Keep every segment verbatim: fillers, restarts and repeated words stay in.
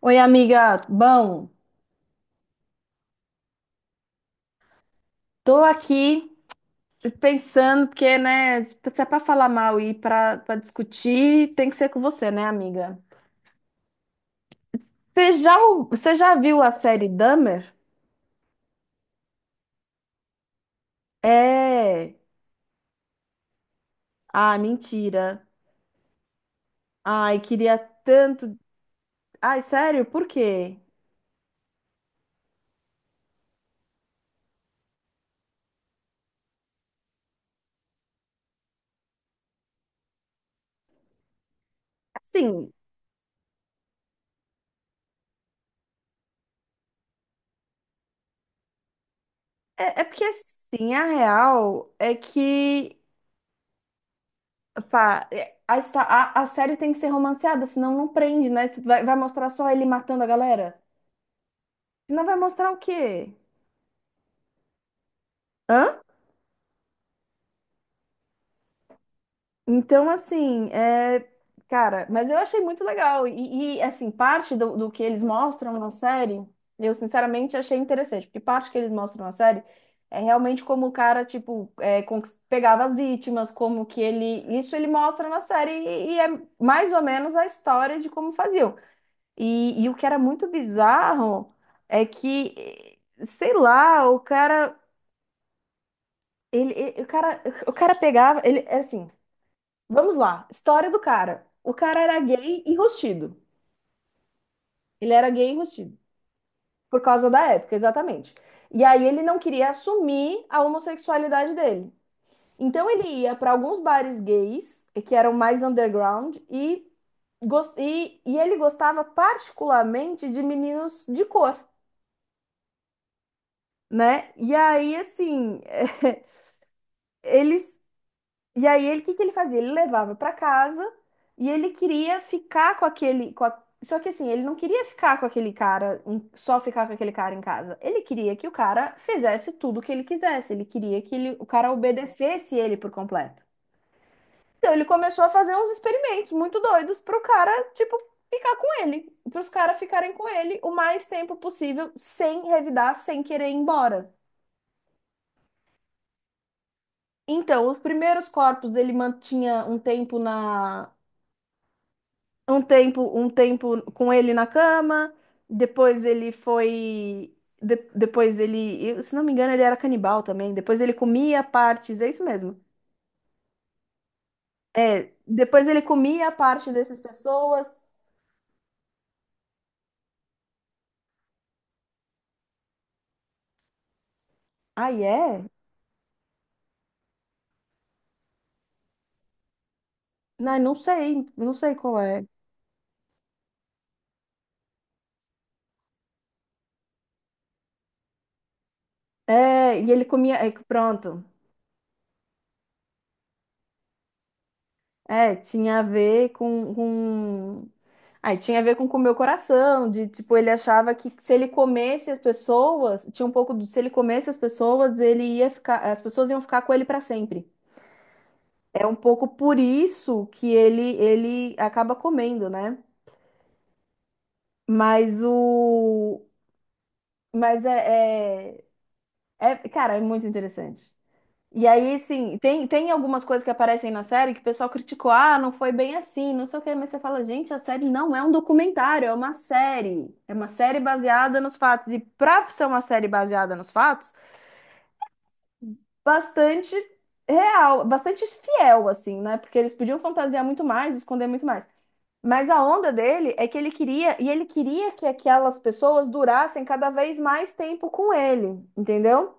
Oi, amiga. Bom, tô aqui pensando, porque, né, se é pra falar mal e pra, pra discutir, tem que ser com você, né, amiga? Você já, ou- você já viu a série Dahmer? É. Ah, mentira. Ai, queria tanto. Ai, sério? Por quê? Assim, é, é porque, assim, a real é que, pá, é, a, histó- a, a série tem que ser romanceada, senão não prende, né? Vai, vai mostrar só ele matando a galera? Senão vai mostrar o quê? Hã? Então, assim, é... cara, mas eu achei muito legal. E, e, assim, parte do, do que eles mostram na série, eu sinceramente achei interessante, porque parte que eles mostram na série é realmente como o cara, tipo, é, conquis- pegava as vítimas, como que ele. Isso ele mostra na série e, e é mais ou menos a história de como faziam. E, e o que era muito bizarro é que, sei lá, o cara. Ele, ele- o cara, o cara pegava, ele, assim, vamos lá. História do cara. O cara era gay enrustido. Ele era gay enrustido. Por causa da época, exatamente. E aí ele não queria assumir a homossexualidade dele. Então ele ia para alguns bares gays, que eram mais underground, e, gos- e, e ele gostava particularmente de meninos de cor, né? E aí, assim, eles e aí ele, o que que ele fazia? Ele levava para casa e ele queria ficar com aquele, com a- só que assim, ele não queria ficar com aquele cara, em- só ficar com aquele cara em casa. Ele queria que o cara fizesse tudo o que ele quisesse. Ele queria que ele- o cara obedecesse ele por completo. Então ele começou a fazer uns experimentos muito doidos pro cara, tipo, ficar com ele, pros caras ficarem com ele o mais tempo possível, sem revidar, sem querer ir embora. Então, os primeiros corpos ele mantinha um tempo na um tempo, um tempo com ele na cama, depois ele foi, de- depois ele, eu- se não me engano, ele era canibal também. Depois ele comia partes, é isso mesmo. É, depois ele comia a parte dessas pessoas. Ah, é? Não, não sei, não sei qual é. É, e ele comia, é, pronto. É, tinha a ver com, com... Aí tinha a ver com, com o meu coração, de tipo, ele achava que se ele comesse as pessoas, tinha um pouco do se ele comesse as pessoas, ele ia ficar, as pessoas iam ficar com ele para sempre. É um pouco por isso que ele ele acaba comendo, né? Mas o mas é, é, é- cara, é muito interessante. E aí, sim, tem, tem algumas coisas que aparecem na série que o pessoal criticou, ah, não foi bem assim, não sei o quê, mas você fala, gente, a série não é um documentário, é uma série. É uma série baseada nos fatos. E pra ser uma série baseada nos fatos, bastante real, bastante fiel, assim, né? Porque eles podiam fantasiar muito mais, esconder muito mais. Mas a onda dele é que ele queria, e ele queria que aquelas pessoas durassem cada vez mais tempo com ele, entendeu?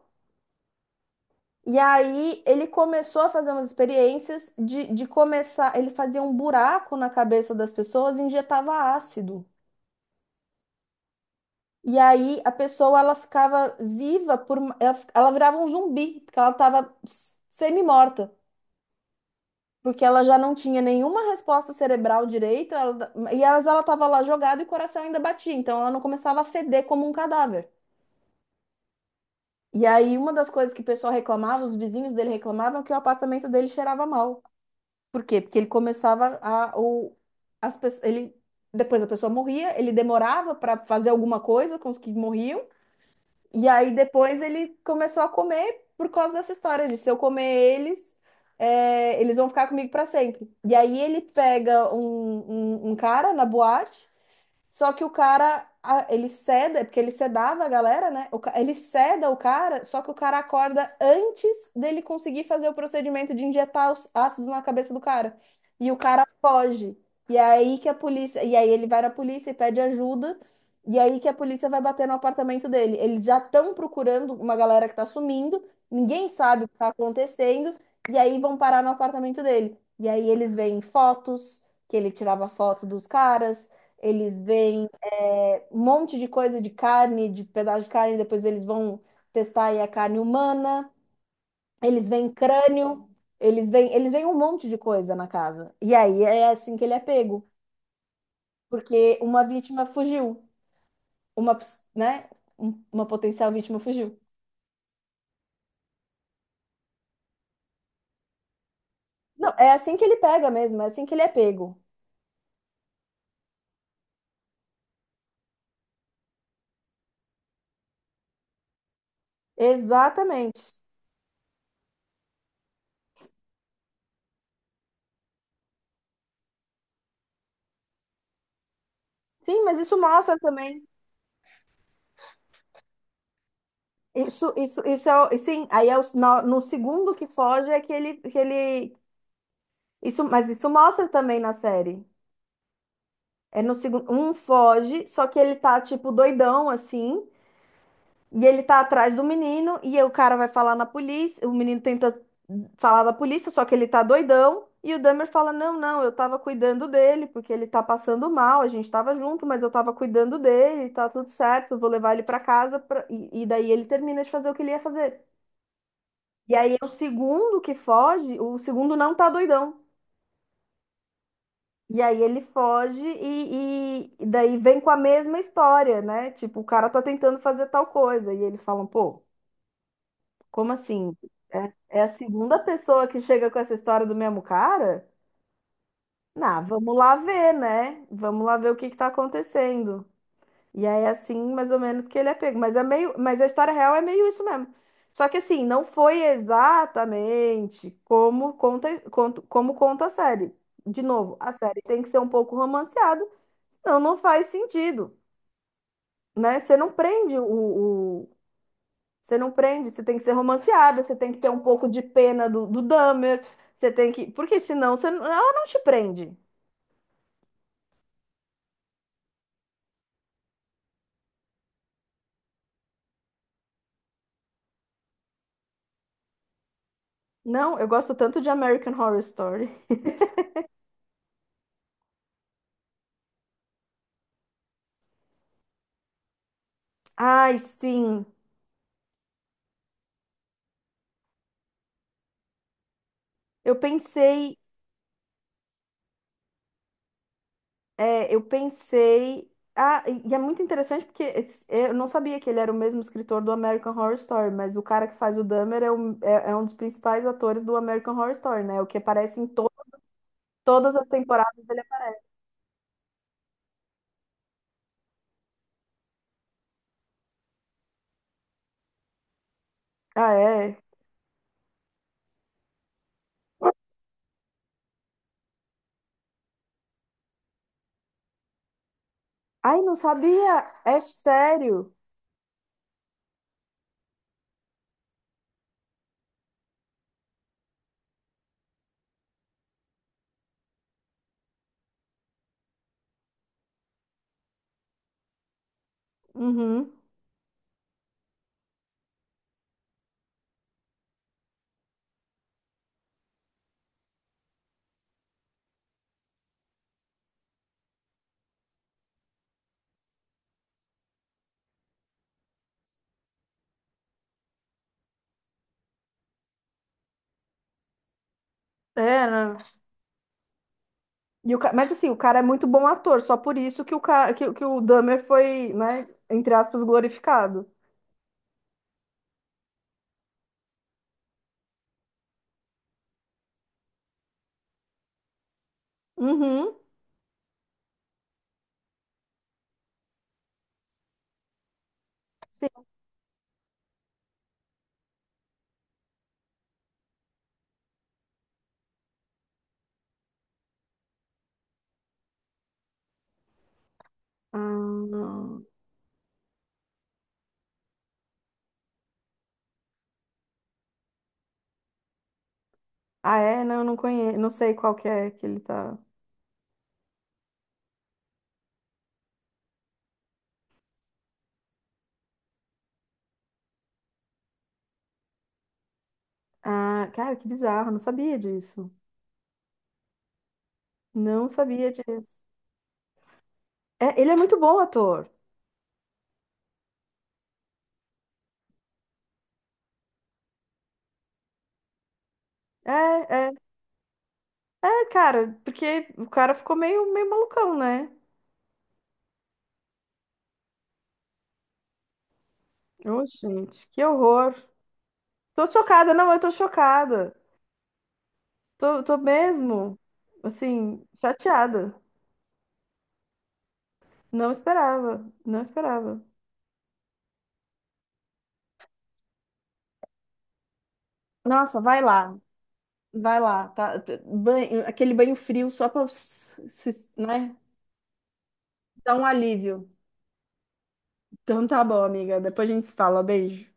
E aí ele começou a fazer umas experiências de, de começar. Ele fazia um buraco na cabeça das pessoas e injetava ácido. E aí a pessoa ela ficava viva por, ela, fi- ela virava um zumbi, porque ela estava semi-morta, porque ela já não tinha nenhuma resposta cerebral direito, ela- e elas ela estava lá jogada e o coração ainda batia, então ela não começava a feder como um cadáver. E aí uma das coisas que o pessoal reclamava, os vizinhos dele reclamavam, que o apartamento dele cheirava mal. Por quê? Porque ele começava a. O, as, pe- ele, depois a pessoa morria, ele demorava para fazer alguma coisa com os que morriam, e aí depois ele começou a comer por causa dessa história de se eu comer eles, é, eles vão ficar comigo para sempre. E aí ele pega um, um, um cara na boate só que o cara, a- ele ceda, é porque ele sedava a galera, né? O ca- ele ceda o cara, só que o cara acorda antes dele conseguir fazer o procedimento de injetar os ácido na cabeça do cara. E o cara foge. E é aí que a polícia, e aí ele vai na polícia e pede ajuda. E é aí que a polícia vai bater no apartamento dele. Eles já estão procurando uma galera que tá sumindo, ninguém sabe o que tá acontecendo, e aí vão parar no apartamento dele. E aí eles veem fotos, que ele tirava fotos dos caras eles veem é, um monte de coisa de carne, de pedaço de carne, depois eles vão testar aí a carne humana. Eles veem crânio, eles veem, eles veem um monte de coisa na casa. E aí é assim que ele é pego, porque uma vítima fugiu, uma, ps- né, um- uma potencial vítima fugiu. Não, é assim que ele pega mesmo, é assim que ele é pego. Exatamente. Sim, mas isso mostra também. Isso, isso, isso é, o- e sim, aí é o- no, no segundo que foge é que ele, que ele, isso, mas isso mostra também na série. É no segundo, um foge, só que ele tá tipo doidão assim, e ele tá atrás do menino e o cara vai falar na polícia, o menino tenta falar da polícia, só que ele tá doidão, e o Dahmer fala: "Não, não, eu tava cuidando dele, porque ele tá passando mal, a gente tava junto, mas eu tava cuidando dele, tá tudo certo, eu vou levar ele pra casa pra-" E, e daí ele termina de fazer o que ele ia fazer. E aí é o segundo que foge, o segundo não tá doidão. E aí ele foge e, e- e daí vem com a mesma história, né? Tipo, o cara tá tentando fazer tal coisa. E eles falam, pô, como assim? É, é a segunda pessoa que chega com essa história do mesmo cara? Nah, vamos lá ver, né? Vamos lá ver o que que tá acontecendo. E aí, é assim, mais ou menos que ele é pego. Mas é meio, mas a história real é meio isso mesmo. Só que assim, não foi exatamente como conta, conto- como conta a série. De novo, a série tem que ser um pouco romanceada não, não faz sentido, né? Você não prende o, o- Você não prende, você tem que ser romanceada, você tem que ter um pouco de pena do, do Dahmer, você tem que... Porque senão você... não- ela não te prende. Não, eu gosto tanto de American Horror Story. Ai, sim. Eu pensei... é, eu pensei... Ah, e e é muito interessante porque esse- é, eu não sabia que ele era o mesmo escritor do American Horror Story, mas o cara que faz o Dahmer é, um é é um dos principais atores do American Horror Story, né? O que aparece em to- todas as temporadas. Ah, é? Ai, não sabia. É sério. Uhum. Era. E o ca- mas assim, o cara é muito bom ator, só por isso que o, ca... que, que o Dahmer foi, né, entre aspas, glorificado. Uhum. Sim. Ah, não. Ah, é? Não, eu não conheço, não sei qual que é que ele tá. Ah, cara, que bizarro, não sabia disso. Não sabia disso. É, ele é muito bom ator. É, é, é, cara, porque o cara ficou meio, meio malucão, né? Ô, gente, que horror. Tô chocada, não, eu tô chocada. Tô, tô mesmo, assim, chateada. Não esperava, não esperava. Nossa, vai lá, vai lá, tá? T- Banho, aquele banho frio só pra, se- se- né, dar um alívio. Então tá bom, amiga. Depois a gente se fala. Beijo.